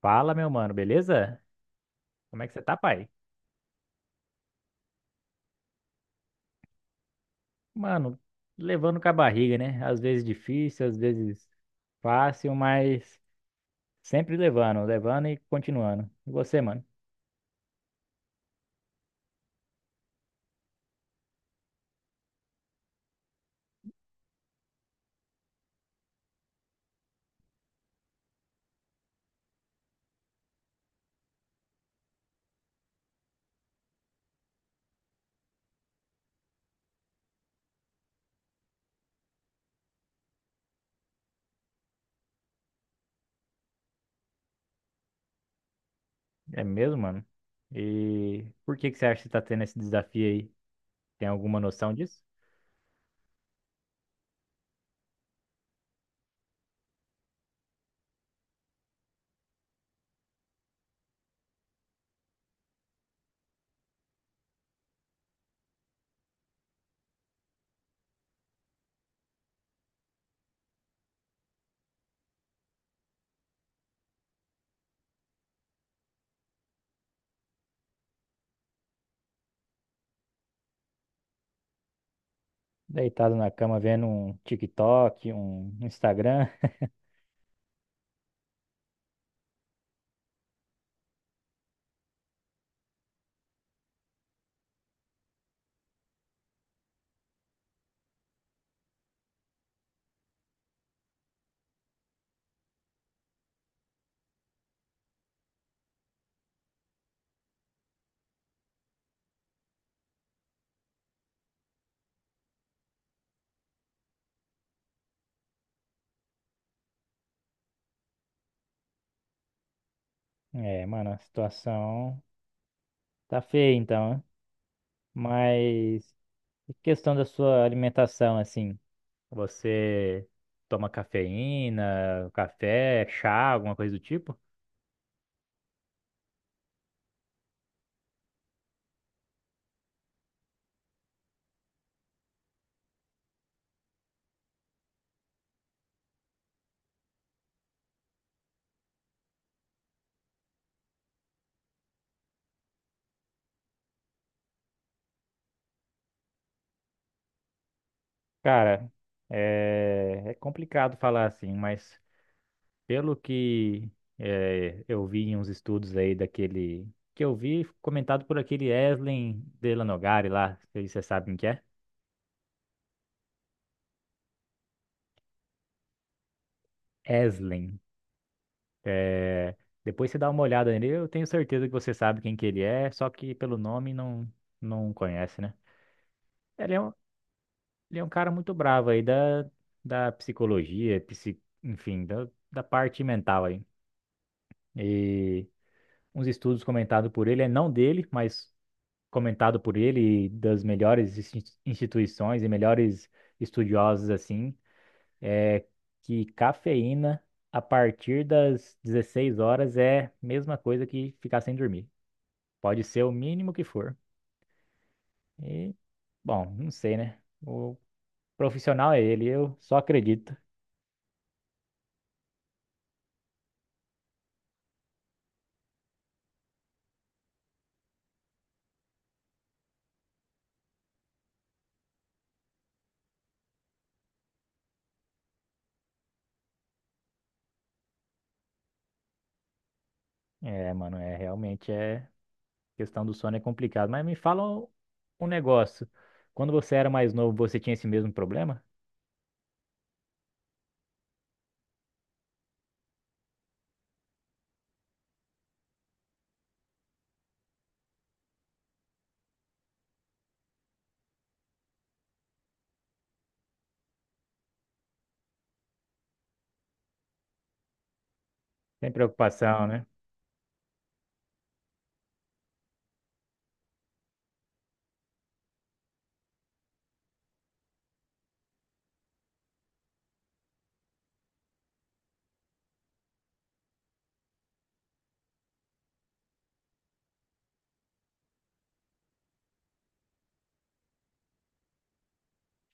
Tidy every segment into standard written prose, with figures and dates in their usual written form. Fala, meu mano, beleza? Como é que você tá, pai? Mano, levando com a barriga, né? Às vezes difícil, às vezes fácil, mas sempre levando, levando e continuando. E você, mano? É mesmo, mano? E por que que você acha que você tá tendo esse desafio aí? Tem alguma noção disso? Deitado na cama vendo um TikTok, um Instagram. É, mano, a situação tá feia então, né? Mas e questão da sua alimentação, assim. Você toma cafeína, café, chá, alguma coisa do tipo? Cara, é complicado falar assim, mas pelo que eu vi em uns estudos aí daquele. Que eu vi comentado por aquele Eslen Delanogari lá, se você sabe quem que é? Eslen. É, depois você dá uma olhada nele, eu tenho certeza que você sabe quem que ele é, só que pelo nome não, não conhece, né? Ele é um Ele é um cara muito bravo aí da, da psicologia, enfim, da parte mental aí. E uns estudos comentados por ele, não dele, mas comentado por ele e das melhores instituições e melhores estudiosos assim, é que cafeína a partir das 16h é mesma coisa que ficar sem dormir. Pode ser o mínimo que for. E, bom, não sei, né? O profissional é ele, eu só acredito. É, mano, realmente é questão do sono, é complicado. Mas me fala um negócio. Quando você era mais novo, você tinha esse mesmo problema? Sem preocupação, né?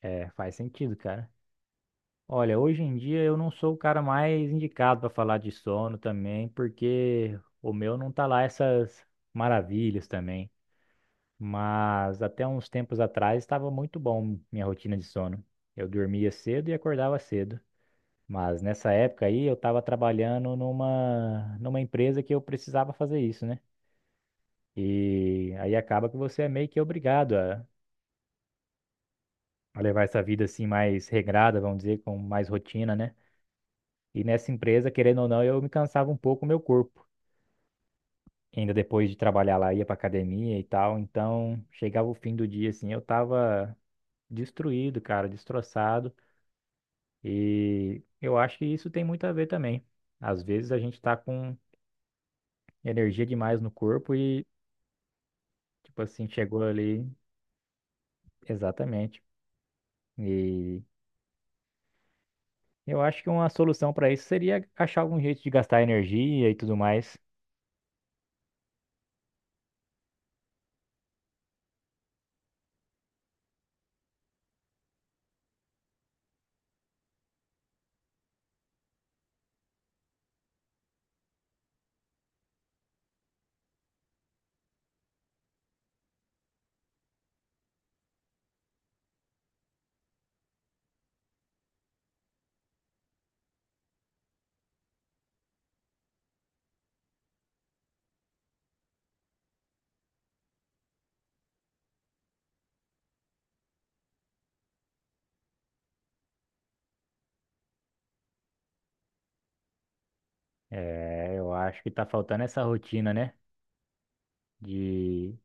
É, faz sentido, cara. Olha, hoje em dia eu não sou o cara mais indicado para falar de sono também, porque o meu não tá lá essas maravilhas também. Mas até uns tempos atrás estava muito bom minha rotina de sono. Eu dormia cedo e acordava cedo. Mas nessa época aí eu estava trabalhando numa empresa que eu precisava fazer isso, né? E aí acaba que você é meio que obrigado a levar essa vida assim mais regrada, vamos dizer, com mais rotina, né? E nessa empresa, querendo ou não, eu me cansava um pouco o meu corpo. Ainda depois de trabalhar lá, ia pra academia e tal. Então chegava o fim do dia assim, eu tava destruído, cara, destroçado. E eu acho que isso tem muito a ver também. Às vezes a gente tá com energia demais no corpo e, tipo assim, chegou ali, exatamente. E eu acho que uma solução para isso seria achar algum jeito de gastar energia e tudo mais. É, eu acho que tá faltando essa rotina, né? De,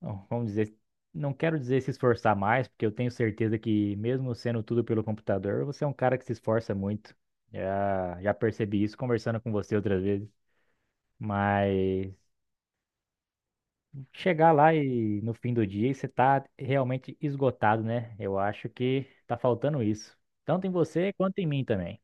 bom, vamos dizer, não quero dizer se esforçar mais, porque eu tenho certeza que mesmo sendo tudo pelo computador, você é um cara que se esforça muito. Já percebi isso conversando com você outras vezes. Mas chegar lá e no fim do dia e você tá realmente esgotado, né? Eu acho que tá faltando isso. Tanto em você quanto em mim também.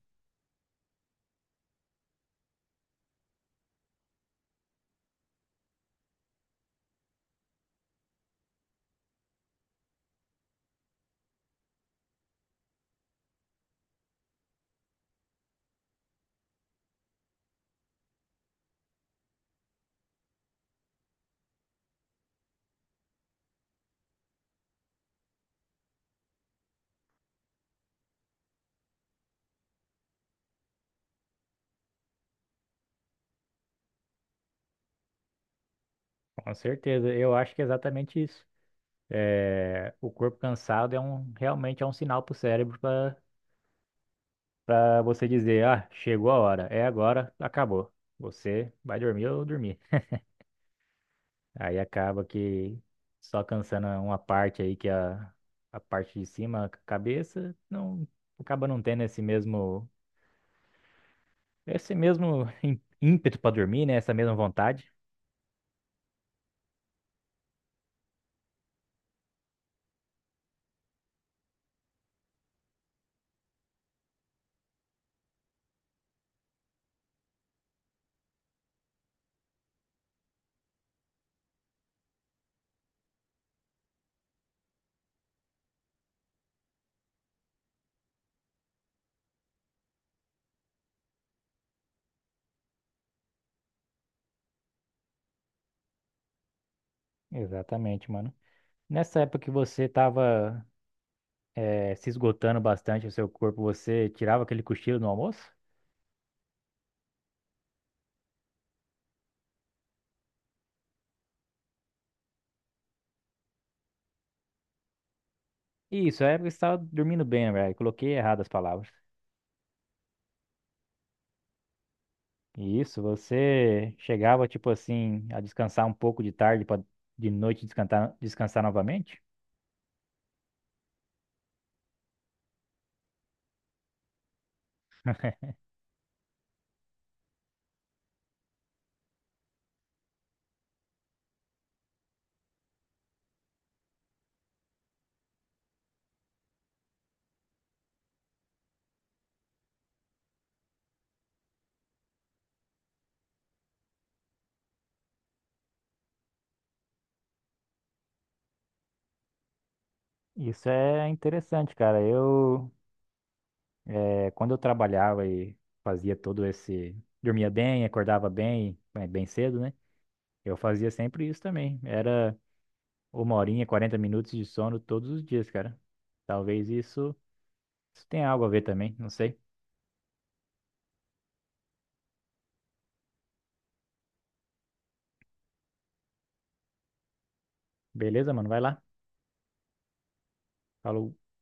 Com certeza, eu acho que é exatamente isso. É, o corpo cansado realmente é um sinal pro cérebro para você dizer, ah, chegou a hora, é agora, acabou. Você vai dormir ou dormir. Aí acaba que só cansando uma parte aí que é a parte de cima, a cabeça, não acaba não tendo esse mesmo ímpeto pra dormir, né? Essa mesma vontade. Exatamente, mano. Nessa época que você tava se esgotando bastante o seu corpo, você tirava aquele cochilo no almoço? Isso, é época que você tava dormindo bem, velho. Coloquei errado as palavras. E, isso, você chegava, tipo assim, a descansar um pouco de tarde para de noite descansar, descansar novamente? Isso é interessante, cara. Quando eu trabalhava e fazia todo esse. Dormia bem, acordava bem, bem bem cedo, né? Eu fazia sempre isso também. Era uma horinha, 40 minutos de sono todos os dias, cara. Talvez isso tenha algo a ver também, não sei. Beleza, mano? Vai lá. Falou.